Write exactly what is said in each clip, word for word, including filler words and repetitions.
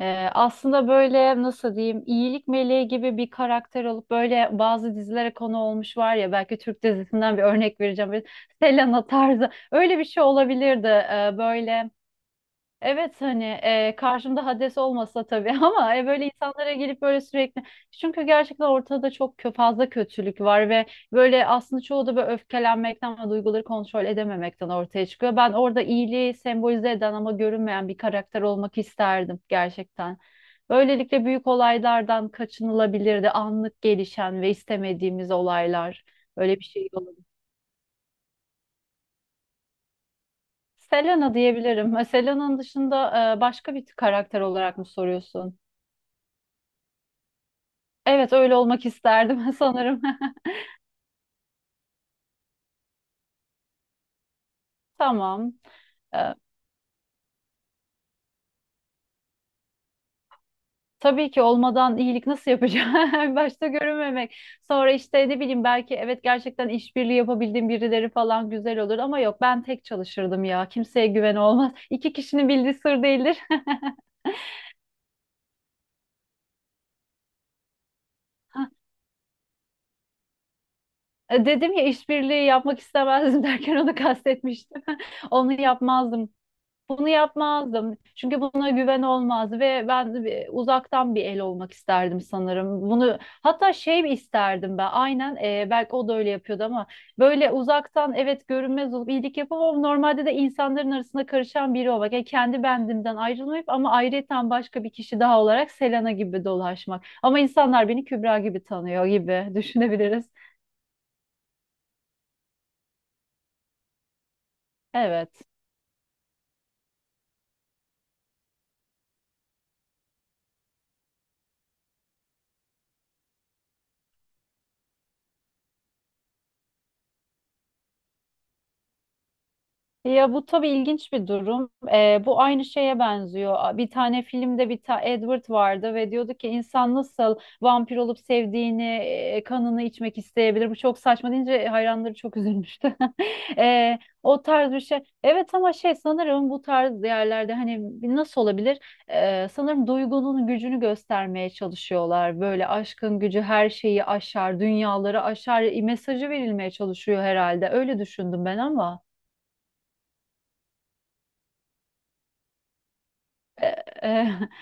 Ee, aslında böyle nasıl diyeyim iyilik meleği gibi bir karakter olup böyle bazı dizilere konu olmuş var ya, belki Türk dizisinden bir örnek vereceğim. Böyle Selena tarzı öyle bir şey olabilirdi. Ee, böyle. Evet, hani e, karşımda Hades olmasa tabii ama e, böyle insanlara gelip böyle sürekli çünkü gerçekten ortada çok kö- fazla kötülük var ve böyle aslında çoğu da böyle öfkelenmekten ve duyguları kontrol edememekten ortaya çıkıyor. Ben orada iyiliği sembolize eden ama görünmeyen bir karakter olmak isterdim gerçekten. Böylelikle büyük olaylardan kaçınılabilirdi. Anlık gelişen ve istemediğimiz olaylar, öyle bir şey olabilir. Selena diyebilirim. Selena'nın dışında e, başka bir karakter olarak mı soruyorsun? Evet, öyle olmak isterdim sanırım. Tamam. Ee, tabii ki olmadan iyilik nasıl yapacağım? Başta görünmemek. Sonra işte ne bileyim, belki evet gerçekten işbirliği yapabildiğim birileri falan güzel olur ama yok, ben tek çalışırdım ya. Kimseye güven olmaz. İki kişinin bildiği sır değildir. Dedim ya, işbirliği yapmak istemezdim derken onu kastetmiştim. Onu yapmazdım. Bunu yapmazdım. Çünkü buna güven olmaz ve ben bir- uzaktan bir el olmak isterdim sanırım. Bunu hatta şey isterdim ben. Aynen, e, belki o da öyle yapıyordu ama böyle uzaktan, evet, görünmez olup iyilik yapıp ama normalde de insanların arasında karışan biri olmak. Yani kendi bendimden ayrılmayıp ama ayrıyeten başka bir kişi daha olarak Selena gibi dolaşmak. Ama insanlar beni Kübra gibi tanıyor gibi düşünebiliriz. Evet. Ya bu tabii ilginç bir durum. Ee, bu aynı şeye benziyor. Bir tane filmde bir ta Edward vardı ve diyordu ki insan nasıl vampir olup sevdiğini, e, kanını içmek isteyebilir? Bu çok saçma deyince hayranları çok üzülmüştü. Ee, o tarz bir şey. Evet ama şey, sanırım bu tarz yerlerde hani nasıl olabilir? Ee, sanırım duygunun gücünü göstermeye çalışıyorlar. Böyle aşkın gücü her şeyi aşar, dünyaları aşar mesajı verilmeye çalışıyor herhalde. Öyle düşündüm ben ama. E- e,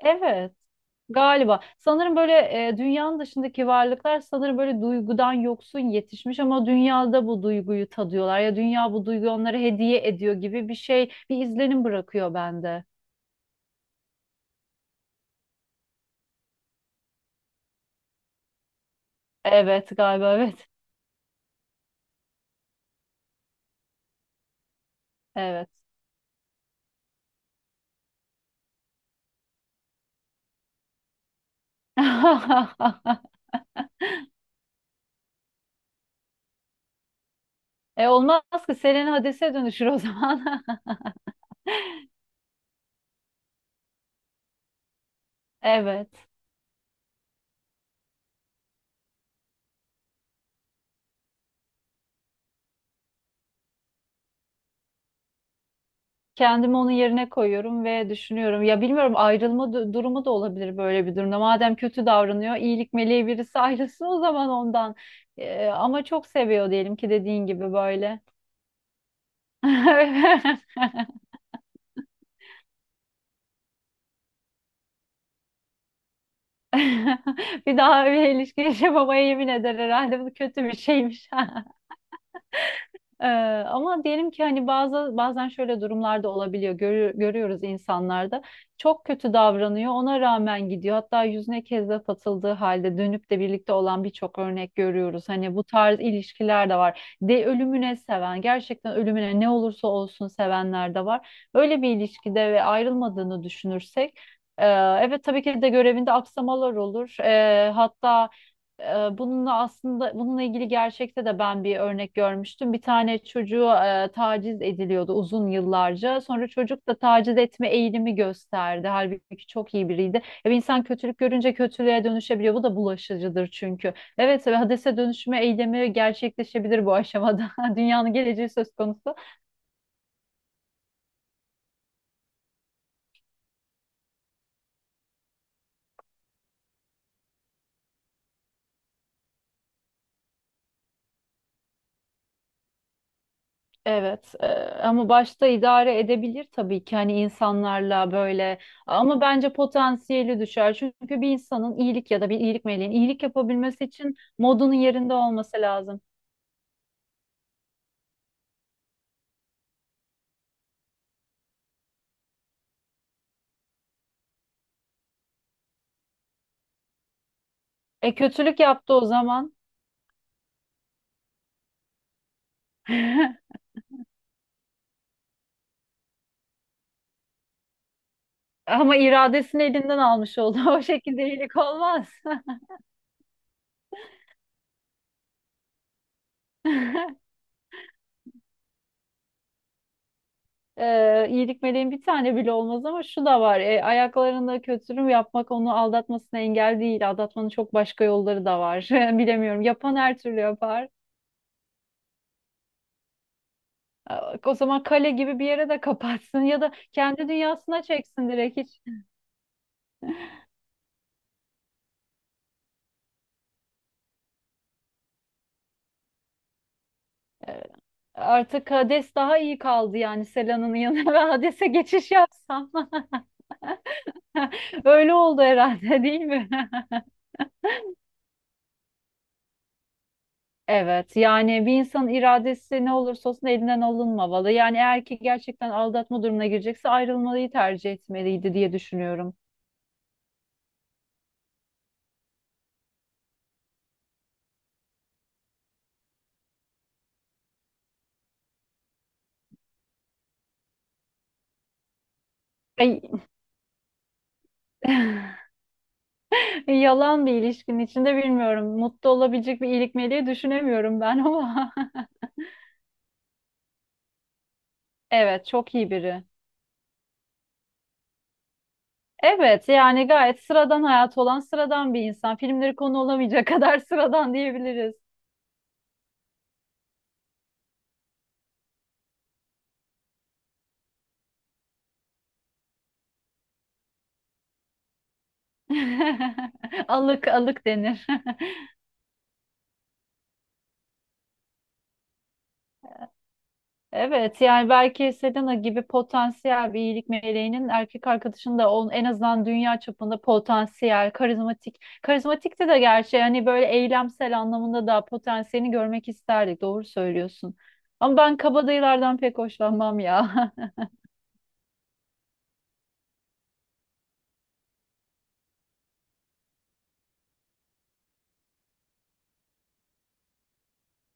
evet. Galiba. Sanırım böyle e, dünyanın dışındaki varlıklar sanırım böyle duygudan yoksun yetişmiş ama dünyada bu duyguyu tadıyorlar ya, dünya bu duyguyu onlara hediye ediyor gibi bir şey, bir izlenim bırakıyor bende. Evet, galiba evet. Evet. E olmaz ki, Selena Hades'e dönüşür o zaman. Evet. Kendimi onun yerine koyuyorum ve düşünüyorum. Ya bilmiyorum, ayrılma du- durumu da olabilir böyle bir durumda. Madem kötü davranıyor, iyilik meleği birisi ayrılsın o zaman ondan. Ee, ama çok seviyor diyelim ki, dediğin gibi böyle. Bir daha bir ilişki yaşamamaya yemin eder herhalde. Bu kötü bir şeymiş. Ee, Ama diyelim ki hani bazı, bazen şöyle durumlarda olabiliyor. Görü- görüyoruz insanlarda. Çok kötü davranıyor. Ona rağmen gidiyor. Hatta yüzüne kezzap atıldığı halde dönüp de birlikte olan birçok örnek görüyoruz. Hani bu tarz ilişkiler de var. De ölümüne seven, gerçekten ölümüne ne olursa olsun sevenler de var. Böyle bir ilişkide ve ayrılmadığını düşünürsek, e, evet tabii ki de görevinde aksamalar olur. E, hatta e, bununla aslında bununla ilgili gerçekte de ben bir örnek görmüştüm. Bir tane çocuğu e, taciz ediliyordu uzun yıllarca. Sonra çocuk da taciz etme eğilimi gösterdi. Halbuki çok iyi biriydi. E, bir insan kötülük görünce kötülüğe dönüşebiliyor. Bu da bulaşıcıdır çünkü. Evet, ve hadise dönüşme eylemi gerçekleşebilir bu aşamada. Dünyanın geleceği söz konusu. Evet e, ama başta idare edebilir tabii ki hani insanlarla böyle, ama bence potansiyeli düşer. Çünkü bir insanın iyilik ya da bir iyilik meleğin iyilik yapabilmesi için modunun yerinde olması lazım. E, kötülük yaptı o zaman ama iradesini elinden almış oldu. O şekilde iyilik olmaz. E, iyilik meleğin bir tane bile olmaz ama şu da var. E, ayaklarında kötülük yapmak onu aldatmasına engel değil. Aldatmanın çok başka yolları da var. Bilemiyorum. Yapan her türlü yapar. O zaman kale gibi bir yere de kapatsın ya da kendi dünyasına çeksin direkt hiç. Ee, Artık Hades daha iyi kaldı yani Selan'ın yanına ve Hades'e geçiş yapsam. Öyle oldu herhalde değil mi? Evet, yani bir insanın iradesi ne olursa olsun elinden alınmamalı. Yani eğer ki gerçekten aldatma durumuna girecekse ayrılmayı tercih etmeliydi diye düşünüyorum. Ay, yalan bir ilişkinin içinde bilmiyorum. Mutlu olabilecek bir iyilik meleği düşünemiyorum ben ama. Evet, çok iyi biri. Evet, yani gayet sıradan hayat olan sıradan bir insan. Filmleri konu olamayacak kadar sıradan diyebiliriz. Alık alık denir. Evet, yani belki Selena gibi potansiyel bir iyilik meleğinin erkek arkadaşının da on en azından dünya çapında potansiyel, karizmatik. Karizmatikti de gerçi, hani böyle eylemsel anlamında da potansiyelini görmek isterdik. Doğru söylüyorsun. Ama ben kabadayılardan pek hoşlanmam ya.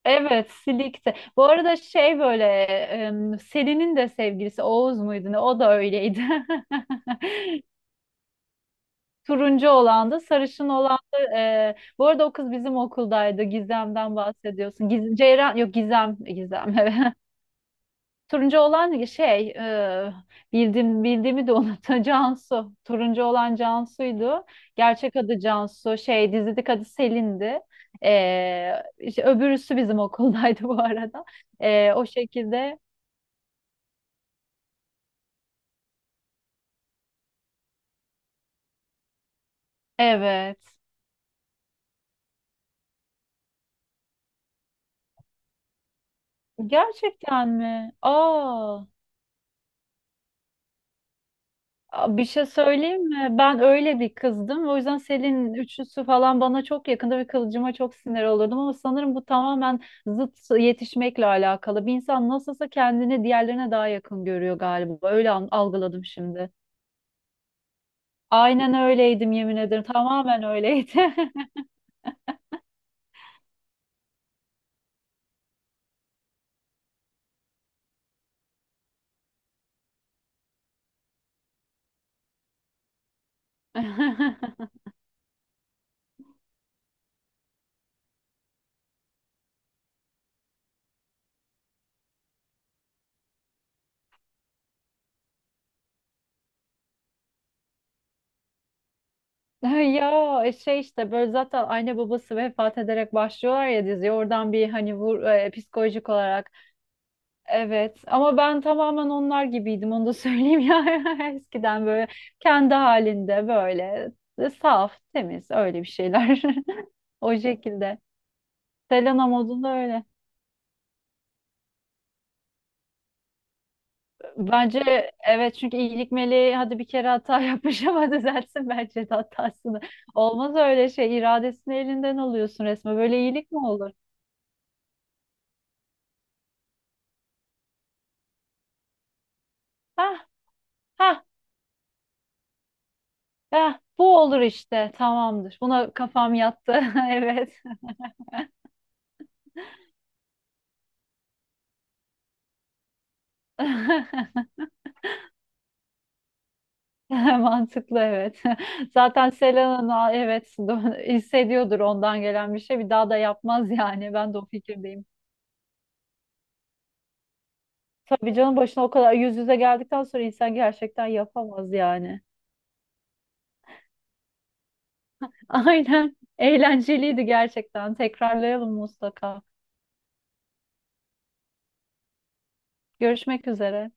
Evet, silikte. Bu arada şey böyle em, Selin'in de sevgilisi Oğuz muydu ne? O da öyleydi. Turuncu olan da sarışın olandı. E, bu arada o kız bizim okuldaydı. Gizem'den bahsediyorsun. Giz Ceyran yok, Gizem, Gizem. Turuncu olan şey e, bildim bildiğimi de unuttum, Cansu. Turuncu olan Cansu'ydu. Gerçek adı Cansu. Şey, dizideki adı Selin'di. E, işte öbürüsü bizim okuldaydı bu arada. E, o şekilde. Evet. Gerçekten mi? Aa. Aa, bir şey söyleyeyim mi? Ben öyle bir kızdım. O yüzden Selin üçlüsü falan bana çok yakında ve kılıcıma çok sinir olurdum. Ama sanırım bu tamamen zıt yetişmekle alakalı. Bir insan nasılsa kendini diğerlerine daha yakın görüyor galiba. Öyle an- algıladım şimdi. Aynen öyleydim, yemin ederim. Tamamen öyleydi. Ya e, şey, işte böyle zaten anne babası vefat ederek başlıyorlar ya diziye. Oradan bir hani vur, e, psikolojik olarak. Evet ama ben tamamen onlar gibiydim, onu da söyleyeyim ya, eskiden böyle kendi halinde böyle e, saf temiz, öyle bir şeyler o şekilde. Selena modunda öyle. Bence evet, çünkü iyilik meleği hadi bir kere hata yapmış ama düzelsin bence de hatasını. Olmaz öyle şey, iradesini elinden alıyorsun resmen, böyle iyilik mi olur? Hah hah hah, bu olur işte, tamamdır, buna kafam yattı. Evet. Mantıklı, evet. Zaten Selena'nın evet hissediyordur ondan gelen bir şey. Bir daha da yapmaz yani. Ben de o fikirdeyim. Tabii canım, başına o kadar yüz yüze geldikten sonra insan gerçekten yapamaz yani. Aynen. Eğlenceliydi gerçekten. Tekrarlayalım mutlaka. Görüşmek üzere.